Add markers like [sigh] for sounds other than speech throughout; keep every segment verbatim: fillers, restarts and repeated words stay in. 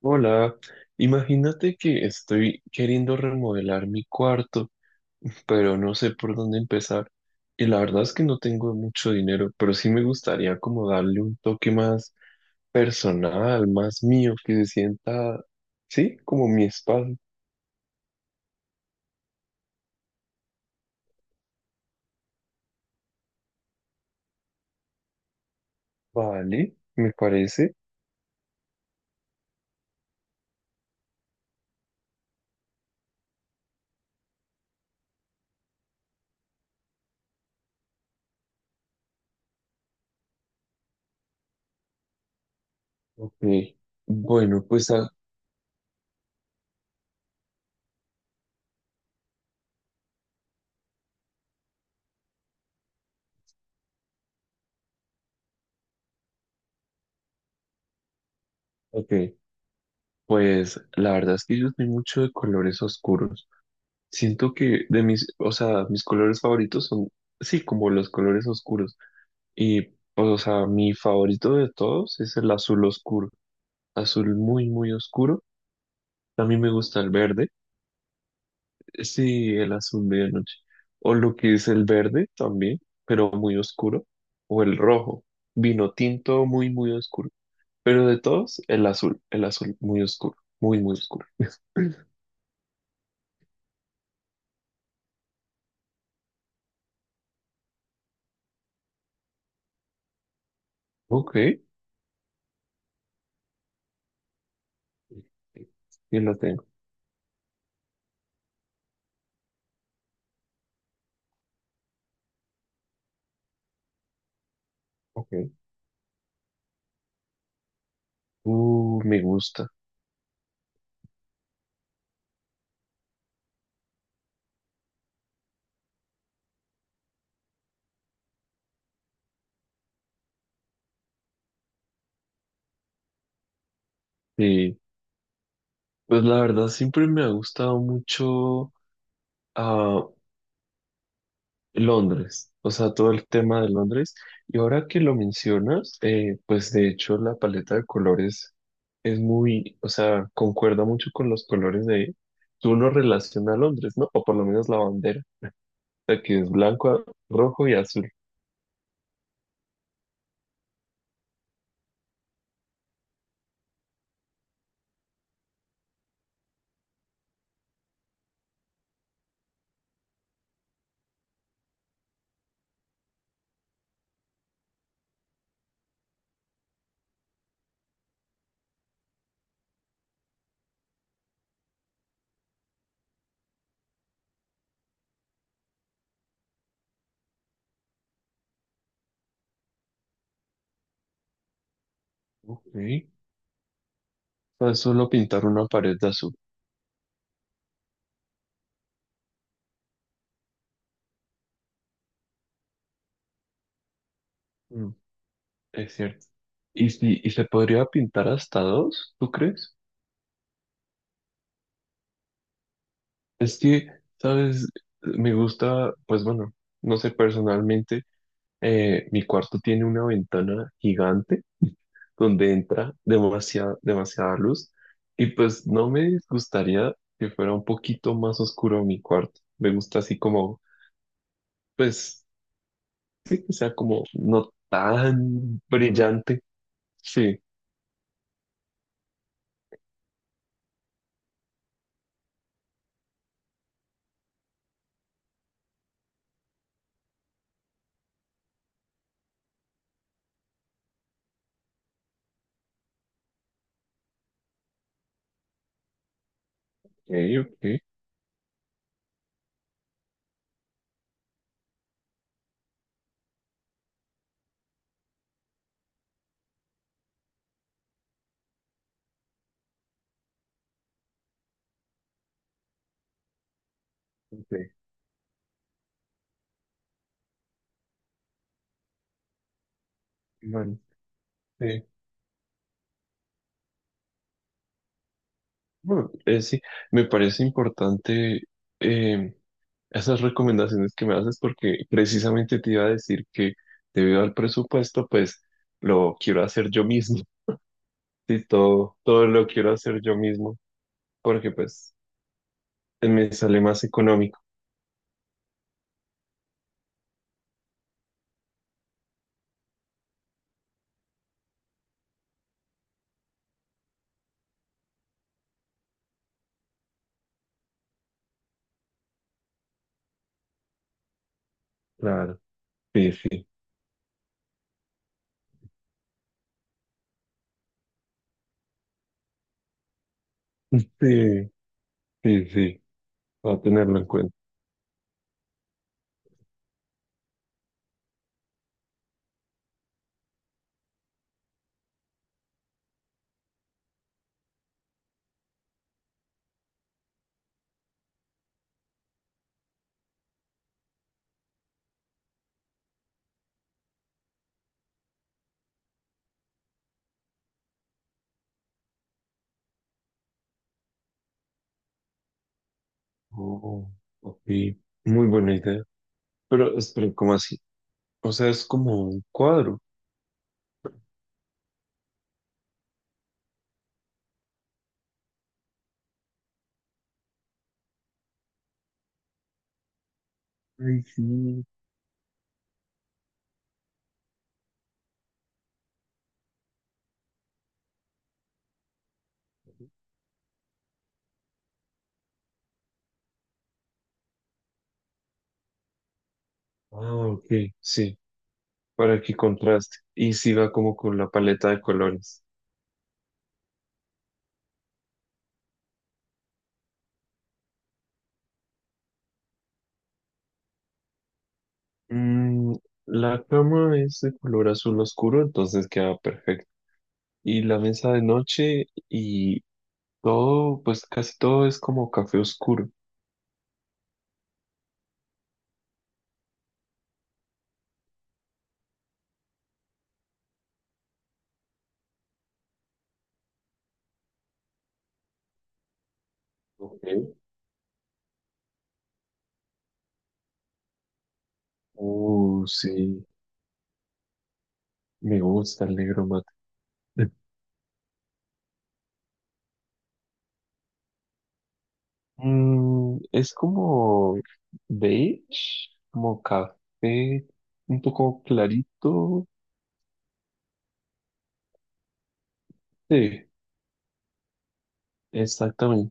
Hola, imagínate que estoy queriendo remodelar mi cuarto, pero no sé por dónde empezar. Y la verdad es que no tengo mucho dinero, pero sí me gustaría como darle un toque más personal, más mío, que se sienta, sí, como mi espacio. Vale, me parece. Ok, bueno, pues, ah, ok, pues la verdad es que yo soy mucho de colores oscuros. Siento que de mis, o sea, mis colores favoritos son, sí, como los colores oscuros. Y pues, o sea, mi favorito de todos es el azul oscuro. Azul muy, muy oscuro. También me gusta el verde. Sí, el azul medianoche. O lo que es el verde también, pero muy oscuro. O el rojo. Vino tinto muy, muy oscuro. Pero de todos, el azul. El azul muy oscuro. Muy, muy oscuro. Ok. Yo lo tengo. Ok. Uh, me gusta. Sí. Pues la verdad siempre me ha gustado mucho. ah, Londres, o sea, todo el tema de Londres. Y ahora que lo mencionas, eh, pues de hecho la paleta de colores es muy, o sea, concuerda mucho con los colores de, tú lo relaciona a Londres, ¿no? O por lo menos la bandera, o sea, que es blanco, rojo y azul. Ok, no es solo pintar una pared de azul. Mm, es cierto. ¿Y, si, y se podría pintar hasta dos, tú crees? Es que, ¿sabes? Me gusta, pues bueno, no sé personalmente. Eh, mi cuarto tiene una ventana gigante donde entra demasiada, demasiada luz y pues no me disgustaría que fuera un poquito más oscuro mi cuarto. Me gusta así como, pues, sí, que sea como no tan brillante. Sí, ok, ok, ok, Bueno, sí. Bueno, eh, sí, me parece importante eh, esas recomendaciones que me haces porque precisamente te iba a decir que debido al presupuesto, pues lo quiero hacer yo mismo. [laughs] Sí, todo, todo lo quiero hacer yo mismo porque pues me sale más económico. Claro. Sí, sí. [laughs] Sí, sí, sí. Va a tenerlo en cuenta. Oh, ok. Muy buena idea. Pero, espera, ¿cómo así? O sea, es como un cuadro. Ay, sí. Ah, ok. Sí, para que contraste. Y sí va como con la paleta de colores. Mm, la cama es de color azul oscuro, entonces queda perfecto. Y la mesa de noche y todo, pues casi todo es como café oscuro. Ok. Uh, sí, me gusta el negro mate. [laughs] Mm, es como beige, como café, un poco clarito. Sí, exactamente.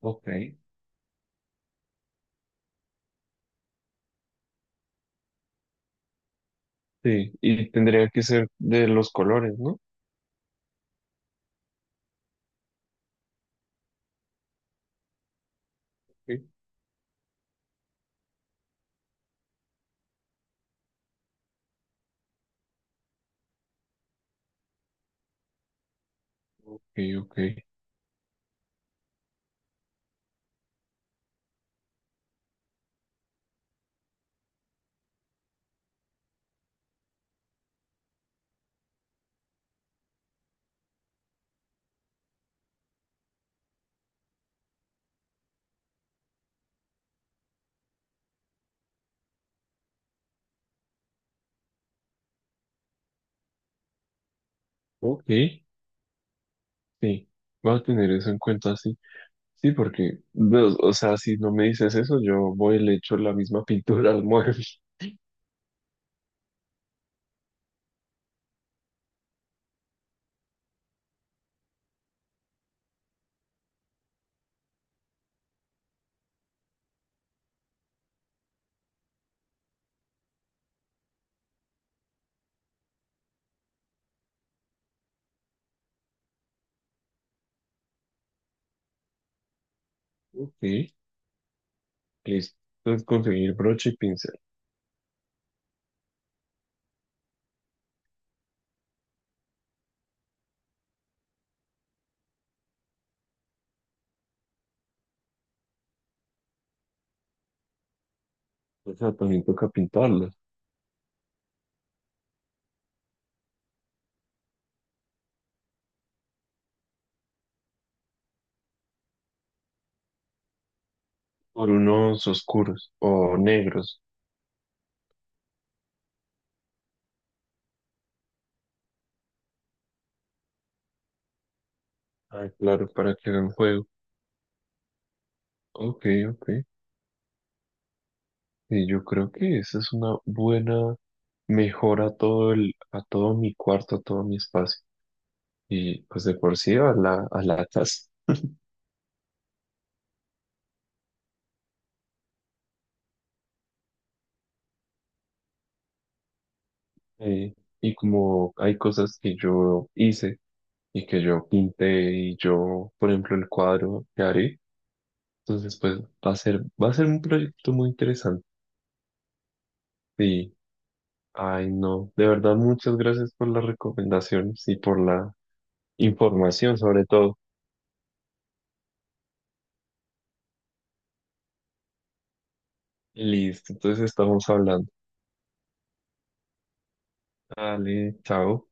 Ok. Sí, y tendría que ser de los colores, ¿no? Ok, ok, ok. Ok. Sí, voy a tener eso en cuenta, sí. Sí, porque, no, o sea, si no me dices eso, yo voy y le echo la misma [laughs] pintura al mueble. Ok, listo. Entonces conseguir broche y pincel. O sea, también toca pintarlos por unos oscuros o negros. Ah, claro, para que hagan juego. Ok, ok. Y yo creo que esa es una buena mejora a todo el, a todo mi cuarto, a todo mi espacio. Y pues de por sí a la, a la casa. Eh, y como hay cosas que yo hice y que yo pinté y yo, por ejemplo, el cuadro que haré, entonces pues va a ser, va a ser un proyecto muy interesante. Sí, ay no, de verdad muchas gracias por las recomendaciones y por la información sobre todo. Listo, entonces estamos hablando. Dale, chao.